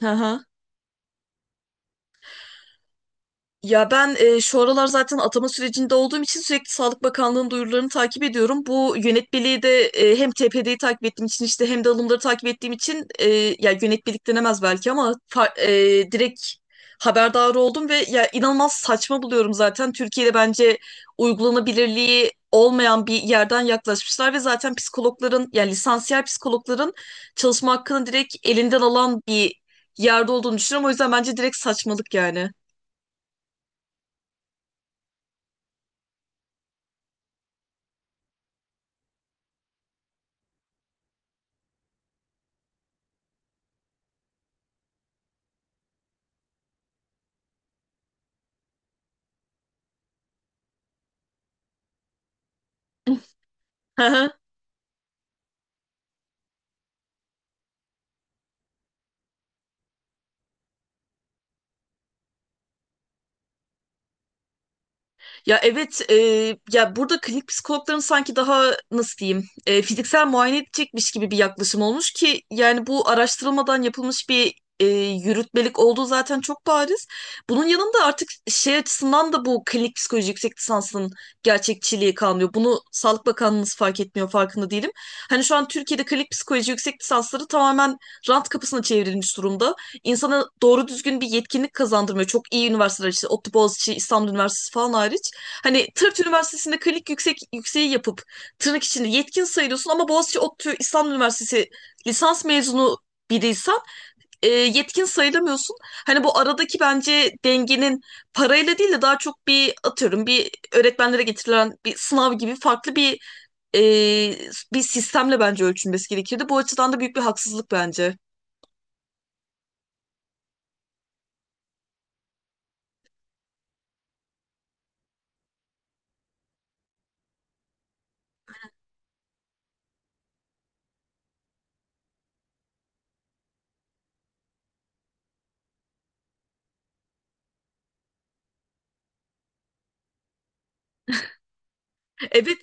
Hı hı. Ya ben şu aralar zaten atama sürecinde olduğum için sürekli Sağlık Bakanlığı'nın duyurularını takip ediyorum. Bu yönetmeliği de hem TPD'yi takip ettiğim için, işte hem de alımları takip ettiğim için ya, yönetmelik denemez belki ama direkt haberdar oldum ve ya inanılmaz saçma buluyorum zaten. Türkiye'de bence uygulanabilirliği olmayan bir yerden yaklaşmışlar ve zaten psikologların, yani lisansiyel psikologların çalışma hakkını direkt elinden alan bir yerde olduğunu düşünüyorum. O yüzden bence direkt saçmalık yani. Hı hı. Ya evet, ya burada klinik psikologların sanki daha nasıl diyeyim, fiziksel muayene edecekmiş gibi bir yaklaşım olmuş ki, yani bu araştırılmadan yapılmış bir e, yürütmelik olduğu zaten çok bariz. Bunun yanında artık şey açısından da bu klinik psikoloji yüksek lisansının gerçekçiliği kalmıyor. Bunu Sağlık Bakanlığımız fark etmiyor, farkında değilim. Hani şu an Türkiye'de klinik psikoloji yüksek lisansları tamamen rant kapısına çevrilmiş durumda, insana doğru düzgün bir yetkinlik kazandırmıyor. Çok iyi üniversiteler, işte ODTÜ, Boğaziçi, İstanbul Üniversitesi falan hariç. Hani Tırt Üniversitesi'nde klinik yüksek yükseği yapıp tırnak içinde yetkin sayılıyorsun ama Boğaziçi, ODTÜ, İstanbul Üniversitesi lisans mezunu biriysen yetkin sayılamıyorsun. Hani bu aradaki bence dengenin parayla değil de daha çok, bir atıyorum, bir öğretmenlere getirilen bir sınav gibi farklı e, bir sistemle bence ölçülmesi gerekirdi. Bu açıdan da büyük bir haksızlık bence. Evet,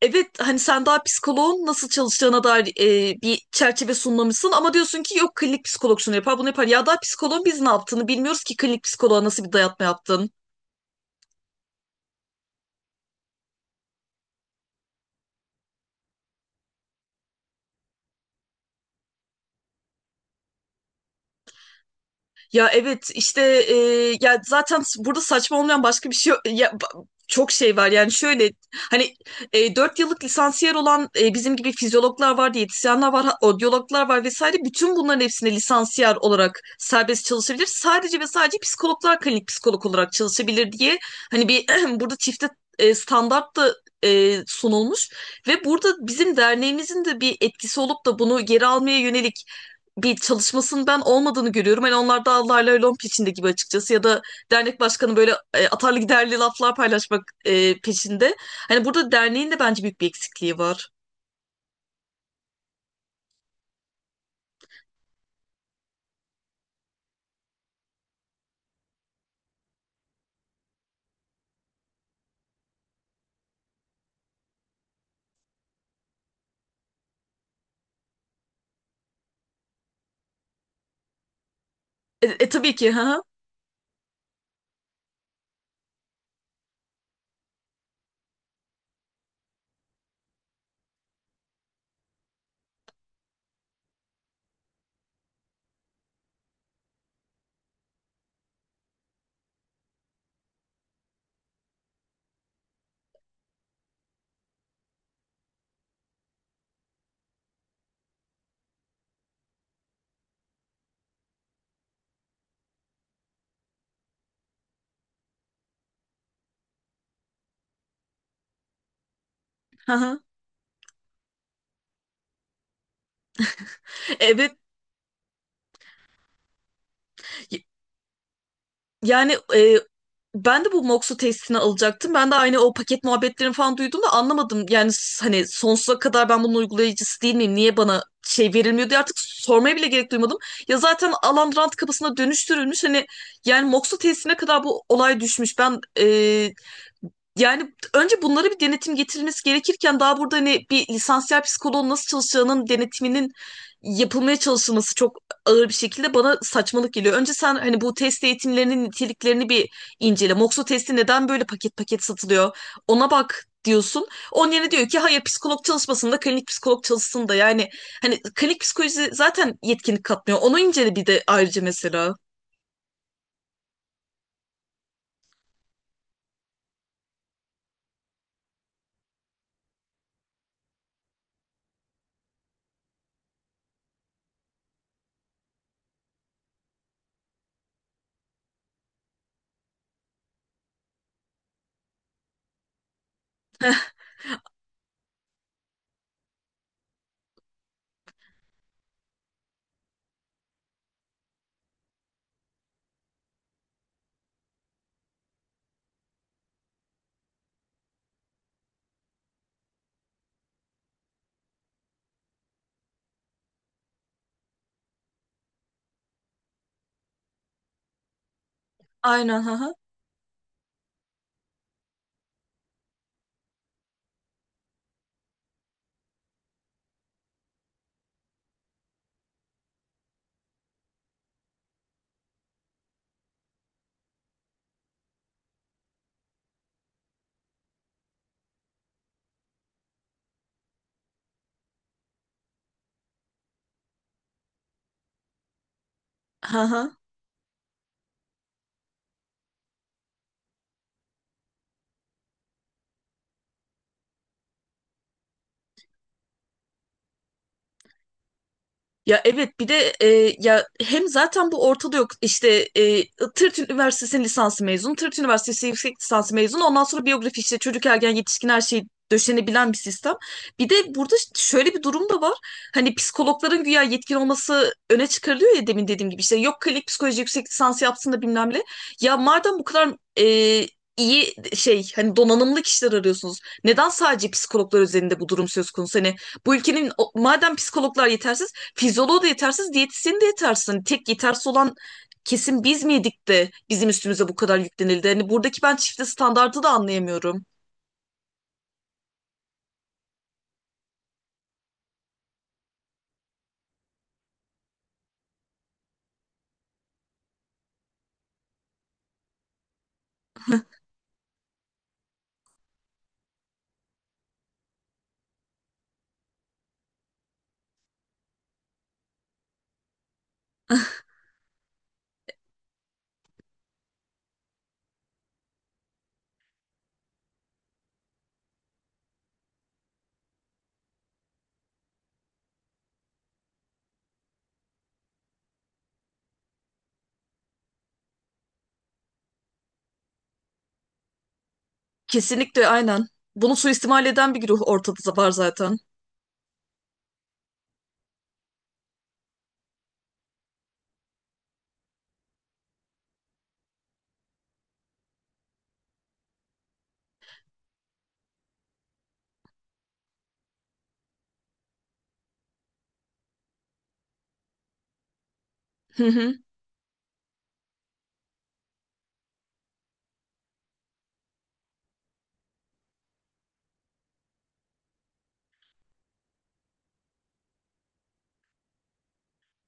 evet, hani sen daha psikoloğun nasıl çalışacağına dair bir çerçeve sunmamışsın ama diyorsun ki yok, klinik psikolog şunu yapar bunu yapar. Ya daha psikoloğun biz ne yaptığını bilmiyoruz ki klinik psikoloğa nasıl bir dayatma yaptın. Ya evet, işte e, ya zaten burada saçma olmayan başka bir şey yok. Ya çok şey var, yani şöyle hani 4 yıllık lisansiyer olan bizim gibi fizyologlar var, diyetisyenler var, odyologlar var vesaire, bütün bunların hepsine lisansiyer olarak serbest çalışabilir. Sadece ve sadece psikologlar klinik psikolog olarak çalışabilir diye, hani bir burada çifte standart da sunulmuş ve burada bizim derneğimizin de bir etkisi olup da bunu geri almaya yönelik bir çalışmasının ben olmadığını görüyorum. Hani onlar da Allah'la lom peşinde gibi, açıkçası, ya da dernek başkanı böyle atarlı giderli laflar paylaşmak peşinde. Hani burada derneğin de bence büyük bir eksikliği var. Tabii ki. Ha, ha, ha. Evet. y- Yani, ben de bu Moxu testini alacaktım. Ben de aynı o paket muhabbetlerini falan duydum da anlamadım. Yani hani sonsuza kadar ben bunun uygulayıcısı değil miyim? Niye bana şey verilmiyor diye artık sormaya bile gerek duymadım. Ya zaten alan rant kapısına dönüştürülmüş. Hani yani Moxu testine kadar bu olay düşmüş. Ben yani önce bunlara bir denetim getirilmesi gerekirken daha burada, hani bir lisansiyel psikoloğun nasıl çalışacağının denetiminin yapılmaya çalışılması çok ağır bir şekilde bana saçmalık geliyor. Önce sen hani bu test eğitimlerinin niteliklerini bir incele. Moxo testi neden böyle paket paket satılıyor? Ona bak diyorsun. Onun yerine diyor ki hayır, psikolog çalışmasın da klinik psikolog çalışsın da, yani hani klinik psikoloji zaten yetkinlik katmıyor. Onu incele bir de ayrıca mesela. Aynen, ha ha. Ha ha. Ya evet, bir de ya hem zaten bu ortada yok, İşte Tırt Üniversitesi'nin lisansı mezunu, Tırt Üniversitesi yüksek lisansı mezunu, ondan sonra biyografi, işte çocuk, ergen, yetişkin, her şeyi döşenebilen bir sistem. Bir de burada şöyle bir durum da var, hani psikologların güya yetkin olması öne çıkarılıyor ya, demin dediğim gibi, işte yok, klinik psikoloji yüksek lisans yapsın da bilmem ne. Ya madem bu kadar e, iyi şey, hani donanımlı kişiler arıyorsunuz, neden sadece psikologlar üzerinde bu durum söz konusu? Hani bu ülkenin madem psikologlar yetersiz, fizyoloğu da yetersiz, diyetisyeni de yetersiz. Hani tek yetersiz olan kesin biz miydik de bizim üstümüze bu kadar yüklenildi? Hani buradaki ben çifte standardı da anlayamıyorum. Kesinlikle, aynen. Bunu suistimal eden bir güruh ortada var zaten. Hı hı.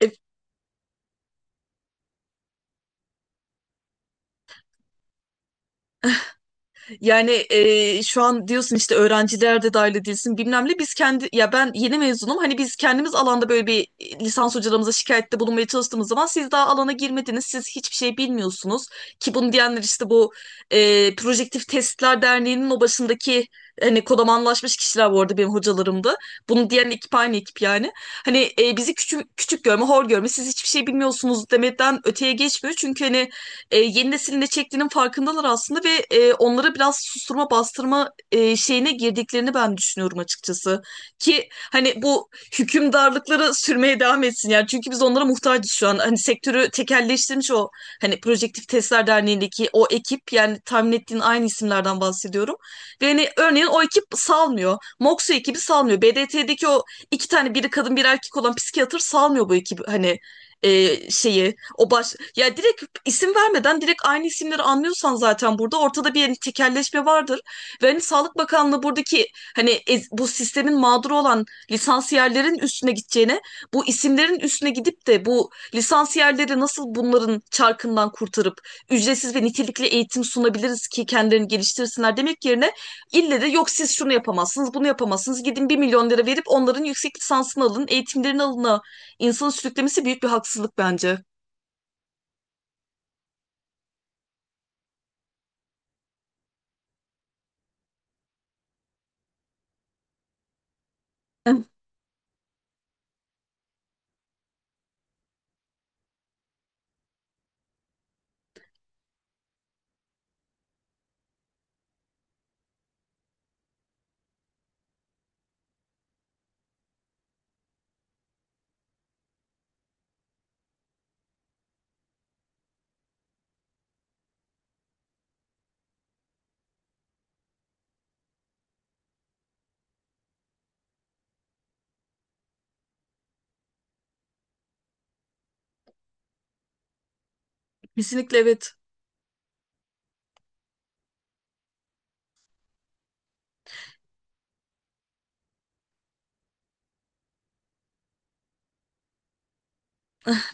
E, Yani, şu an diyorsun işte öğrenciler de dahil edilsin bilmem ne. Biz kendi, ya ben yeni mezunum. Hani biz kendimiz alanda böyle bir lisans hocalarımıza şikayette bulunmaya çalıştığımız zaman siz daha alana girmediniz, siz hiçbir şey bilmiyorsunuz. Ki bunu diyenler, işte bu Projektif Testler Derneği'nin o başındaki hani kodamanlaşmış kişiler, bu arada benim hocalarımdı. Bunu diyen ekip aynı ekip yani. Hani bizi küçük küçük görme, hor görme, siz hiçbir şey bilmiyorsunuz demeden öteye geçmiyor. Çünkü hani yeni neslin ne çektiğinin farkındalar aslında ve onlara biraz susturma, bastırma şeyine girdiklerini ben düşünüyorum açıkçası. Ki hani bu hükümdarlıkları sürmeye devam etsin yani, çünkü biz onlara muhtacız şu an. Hani sektörü tekelleştirmiş o, hani Projektif Testler Derneği'ndeki o ekip, yani tahmin ettiğin aynı isimlerden bahsediyorum. Ve hani örneğin o ekip salmıyor, Moxu ekibi salmıyor, BDT'deki o iki tane biri kadın bir erkek olan psikiyatr salmıyor bu ekibi, hani şeyi o baş, ya direkt isim vermeden direkt aynı isimleri anlıyorsan zaten burada ortada bir hani tekelleşme vardır. Ve hani Sağlık Bakanlığı buradaki hani bu sistemin mağduru olan lisansiyerlerin üstüne gideceğine, bu isimlerin üstüne gidip de bu lisansiyerleri nasıl bunların çarkından kurtarıp ücretsiz ve nitelikli eğitim sunabiliriz ki kendilerini geliştirsinler demek yerine, ille de yok siz şunu yapamazsınız bunu yapamazsınız, gidin bir milyon lira verip onların yüksek lisansını alın, eğitimlerini alın, insanı sürüklemesi büyük bir haksızlık bence. Kesinlikle, evet.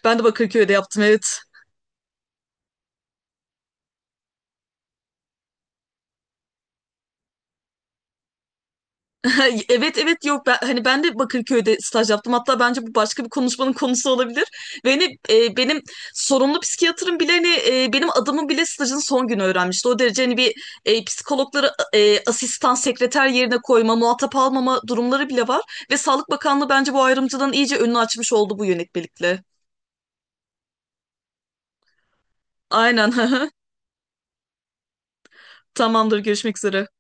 Ben de Bakırköy'de yaptım, evet. Evet, evet, yok ben, hani ben de Bakırköy'de staj yaptım. Hatta bence bu başka bir konuşmanın konusu olabilir. Ve hani, benim sorumlu psikiyatrım bile, hani, benim adımı bile stajın son günü öğrenmişti. O derece, hani bir psikologları asistan sekreter yerine koyma, muhatap almama durumları bile var. Ve Sağlık Bakanlığı bence bu ayrımcılığın iyice önünü açmış oldu bu yönetmelikle. Aynen. Tamamdır, görüşmek üzere.